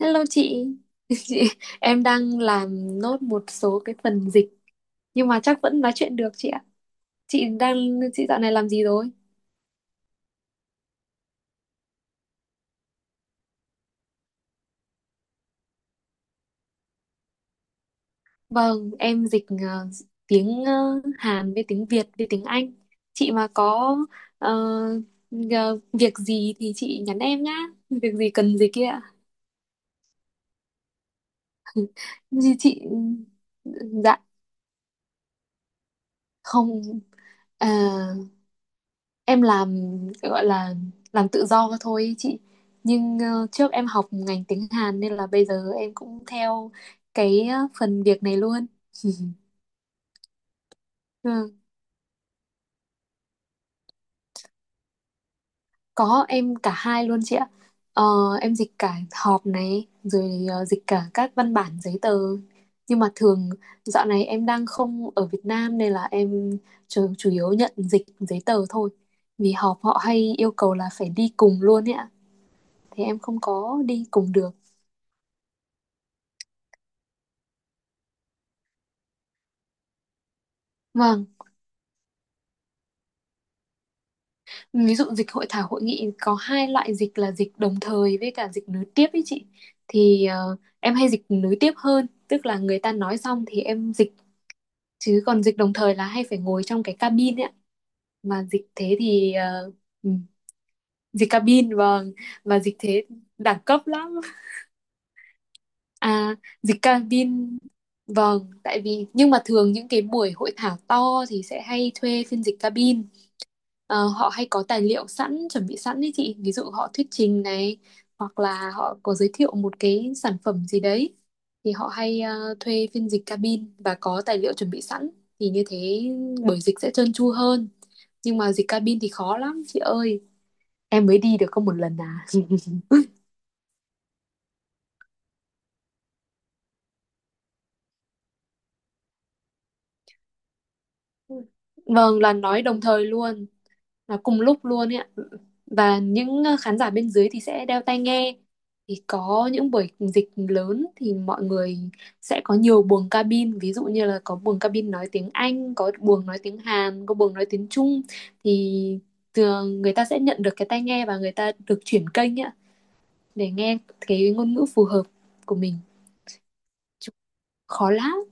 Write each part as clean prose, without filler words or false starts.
Hello chị. Chị, em đang làm nốt một số cái phần dịch nhưng mà chắc vẫn nói chuyện được chị ạ. Chị đang chị dạo này làm gì rồi? Vâng, em dịch tiếng Hàn với tiếng Việt với tiếng Anh. Chị mà có ờ, ờ, việc gì thì chị nhắn em nhá. Việc gì cần dịch kia ạ. Chị, dạ, không. À, em làm gọi là làm tự do thôi ý chị nhưng trước em học ngành tiếng Hàn nên là bây giờ em cũng theo cái phần việc này luôn. Ừ, có em cả hai luôn chị ạ. Ờ, em dịch cả họp này rồi dịch cả các văn bản giấy tờ, nhưng mà thường dạo này em đang không ở Việt Nam nên là em chủ yếu nhận dịch giấy tờ thôi, vì họp họ hay yêu cầu là phải đi cùng luôn ấy ạ, thì em không có đi cùng được. Vâng, ví dụ dịch hội thảo hội nghị có hai loại dịch là dịch đồng thời với cả dịch nối tiếp ấy chị, thì em hay dịch nối tiếp hơn, tức là người ta nói xong thì em dịch, chứ còn dịch đồng thời là hay phải ngồi trong cái cabin ấy ạ. Mà dịch thế thì ừ, dịch cabin, vâng. Mà dịch thế đẳng cấp lắm à? Dịch cabin, vâng, tại vì nhưng mà thường những cái buổi hội thảo to thì sẽ hay thuê phiên dịch cabin. Họ hay có tài liệu sẵn, chuẩn bị sẵn đấy chị. Ví dụ họ thuyết trình này, hoặc là họ có giới thiệu một cái sản phẩm gì đấy. Thì họ hay thuê phiên dịch cabin và có tài liệu chuẩn bị sẵn. Thì như thế buổi dịch sẽ trơn tru hơn. Nhưng mà dịch cabin thì khó lắm chị ơi. Em mới đi được có một lần à. Vâng, là nói đồng thời luôn. Là cùng lúc luôn ấy ạ. Và những khán giả bên dưới thì sẽ đeo tai nghe, thì có những buổi dịch lớn thì mọi người sẽ có nhiều buồng cabin, ví dụ như là có buồng cabin nói tiếng Anh, có buồng nói tiếng Hàn, có buồng nói tiếng Trung, thì thường người ta sẽ nhận được cái tai nghe và người ta được chuyển kênh ấy ạ, để nghe cái ngôn ngữ phù hợp của mình. Chứ khó lắm.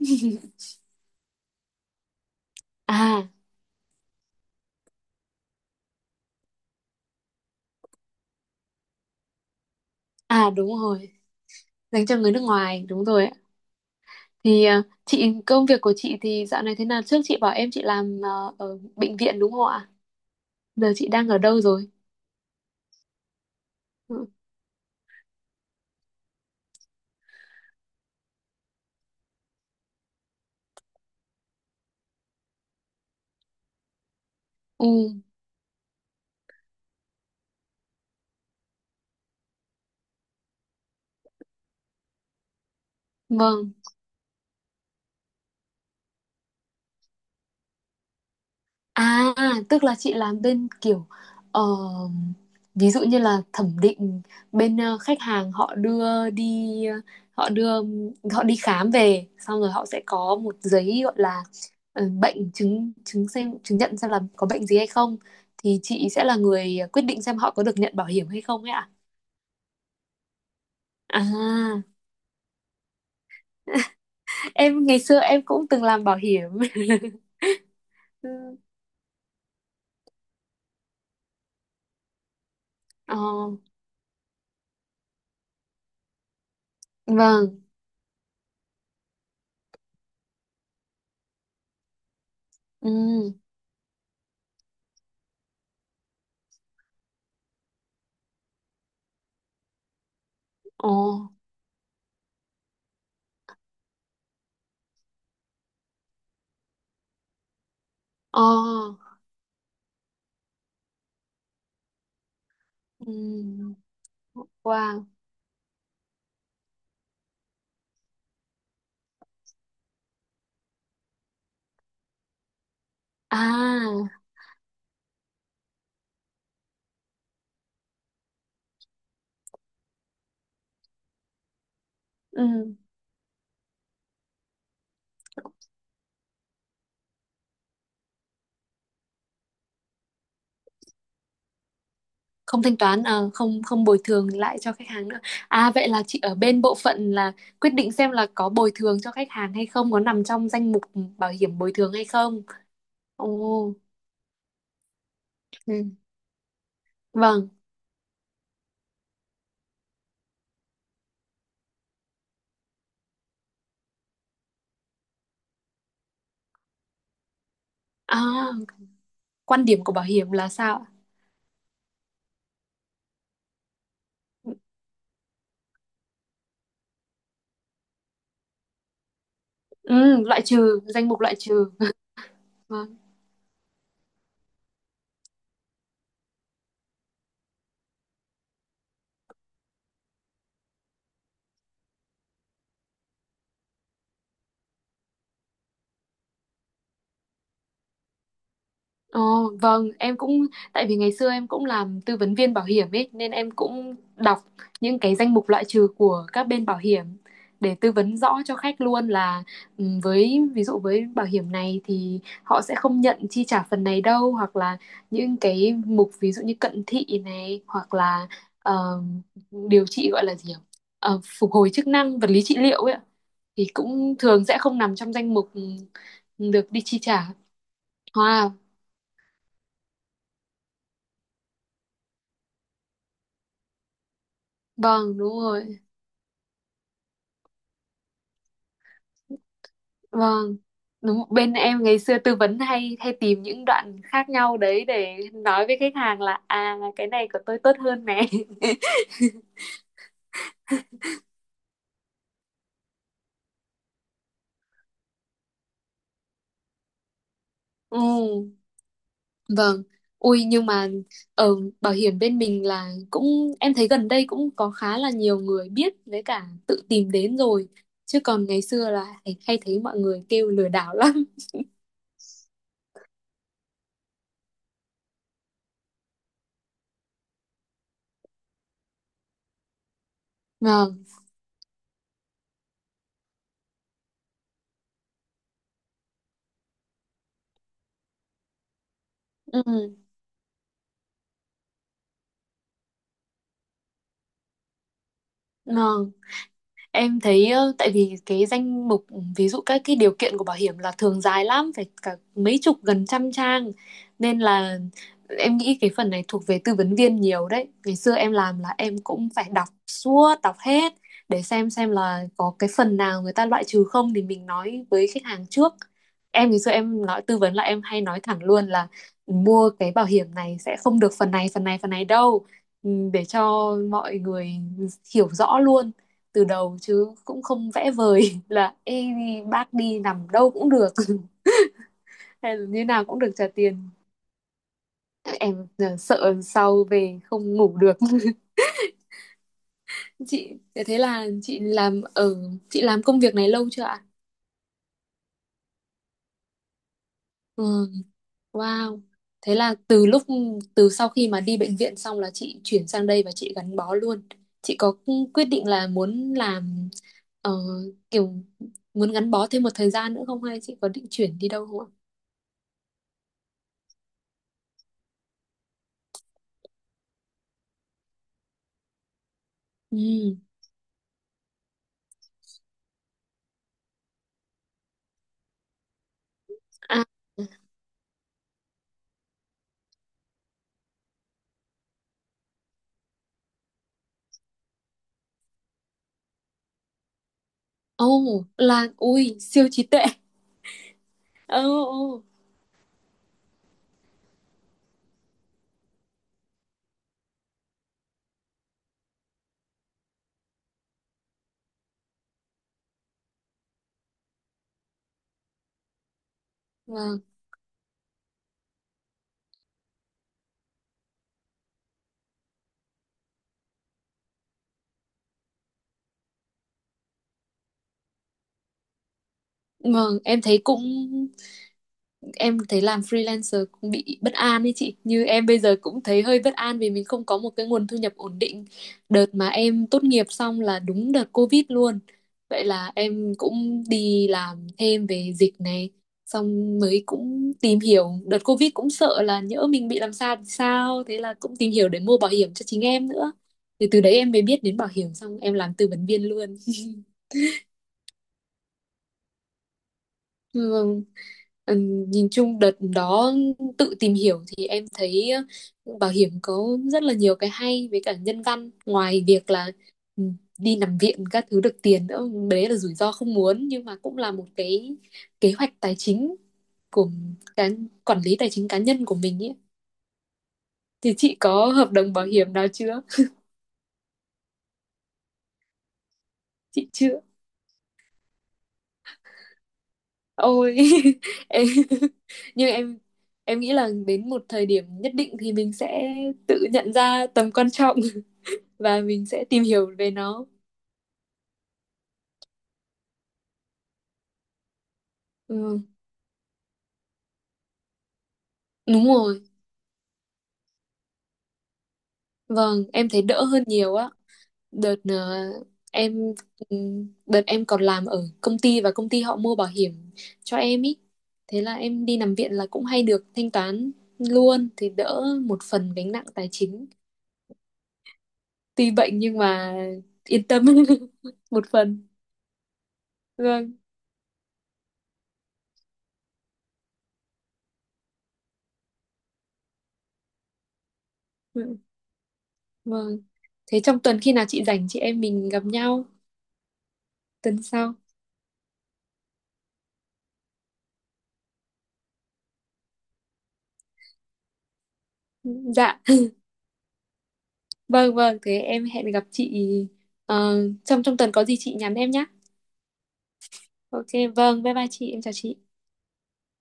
À, à, đúng rồi, dành cho người nước ngoài, đúng rồi ạ. Thì chị công việc của chị thì dạo này thế nào? Trước chị bảo em chị làm ở bệnh viện đúng không ạ? Giờ chị đang ở đâu rồi? Ừ, ừ, vâng. À, tức là chị làm bên kiểu ờ, ví dụ như là thẩm định, bên khách hàng họ đưa đi họ đưa họ đi khám về xong rồi họ sẽ có một giấy gọi là bệnh chứng chứng xem chứng nhận xem là có bệnh gì hay không, thì chị sẽ là người quyết định xem họ có được nhận bảo hiểm hay không ấy ạ. À. Em ngày xưa em cũng từng làm bảo hiểm. Ừ. Ờ. Vâng. Ừ. Ồ. Ờ. Ừ. Wow. À. Ừ, không thanh toán à, không không bồi thường lại cho khách hàng nữa. À, vậy là chị ở bên bộ phận là quyết định xem là có bồi thường cho khách hàng hay không, có nằm trong danh mục bảo hiểm bồi thường hay không. Ồ. Ừ. Vâng. À, quan điểm của bảo hiểm là sao ạ? Ừ, loại trừ, danh mục loại trừ. Ồ, vâng, em cũng tại vì ngày xưa em cũng làm tư vấn viên bảo hiểm ấy nên em cũng đọc những cái danh mục loại trừ của các bên bảo hiểm để tư vấn rõ cho khách luôn là với ví dụ với bảo hiểm này thì họ sẽ không nhận chi trả phần này đâu, hoặc là những cái mục ví dụ như cận thị này, hoặc là ờ, điều trị gọi là gì nhỉ? Phục hồi chức năng vật lý trị liệu ấy ạ, thì cũng thường sẽ không nằm trong danh mục được đi chi trả. Wow, vâng, đúng rồi. Vâng, đúng bên em ngày xưa tư vấn hay hay tìm những đoạn khác nhau đấy để nói với khách hàng là à cái này của tôi tốt hơn này. Ừ, vâng. Ui nhưng mà ở bảo hiểm bên mình là cũng em thấy gần đây cũng có khá là nhiều người biết với cả tự tìm đến rồi. Chứ còn ngày xưa là hay thấy mọi người kêu lừa đảo lắm. Vâng. Ừ. Vâng. Em thấy tại vì cái danh mục ví dụ các cái điều kiện của bảo hiểm là thường dài lắm phải cả mấy chục gần trăm trang, nên là em nghĩ cái phần này thuộc về tư vấn viên nhiều đấy. Ngày xưa em làm là em cũng phải đọc suốt, đọc hết để xem là có cái phần nào người ta loại trừ không thì mình nói với khách hàng trước. Em ngày xưa em nói tư vấn là em hay nói thẳng luôn là mua cái bảo hiểm này sẽ không được phần này, phần này, phần này đâu. Ừ, để cho mọi người hiểu rõ luôn từ đầu chứ cũng không vẽ vời là ê, bác đi nằm đâu cũng được hay là như nào cũng được trả tiền. Em sợ sau về không ngủ được. Chị, thế là chị làm công việc này lâu chưa ạ? Ừ, wow. Thế là từ sau khi mà đi bệnh viện xong là chị chuyển sang đây và chị gắn bó luôn. Chị có quyết định là muốn làm ờ, kiểu muốn gắn bó thêm một thời gian nữa không, hay chị có định chuyển đi đâu không ạ? Ừ. À. Ồ, là ui siêu trí tuệ. Ồ, ồ. Vâng, vâng, em thấy cũng em thấy làm freelancer cũng bị bất an ấy chị, như em bây giờ cũng thấy hơi bất an vì mình không có một cái nguồn thu nhập ổn định. Đợt mà em tốt nghiệp xong là đúng đợt Covid luôn, vậy là em cũng đi làm thêm về dịch này, xong mới cũng tìm hiểu đợt Covid cũng sợ là nhỡ mình bị làm sao thì sao, thế là cũng tìm hiểu để mua bảo hiểm cho chính em nữa, thì từ đấy em mới biết đến bảo hiểm xong em làm tư vấn viên luôn. Ừ. Ừ, nhìn chung đợt đó tự tìm hiểu thì em thấy bảo hiểm có rất là nhiều cái hay với cả nhân văn, ngoài việc là ừ, đi nằm viện các thứ được tiền nữa, đấy là rủi ro không muốn nhưng mà cũng là một cái kế hoạch tài chính của cái quản lý tài chính cá nhân của mình ấy. Thì chị có hợp đồng bảo hiểm nào chưa? Chị chưa, ôi. Em, nhưng em nghĩ là đến một thời điểm nhất định thì mình sẽ tự nhận ra tầm quan trọng và mình sẽ tìm hiểu về nó. Ừ, đúng rồi. Vâng, em thấy đỡ hơn nhiều á. Đợt em ừ, đợt em còn làm ở công ty và công ty họ mua bảo hiểm cho em ý. Thế là em đi nằm viện là cũng hay được thanh toán luôn thì đỡ một phần gánh nặng tài chính. Tuy bệnh nhưng mà yên tâm một phần. Vâng. Vâng. Thế trong tuần khi nào chị rảnh chị em mình gặp nhau tuần sau. Dạ. Vâng vâng, thế em hẹn gặp chị ờ, trong trong tuần có gì chị nhắn em nhé. Ok, vâng, bye bye chị, em chào chị.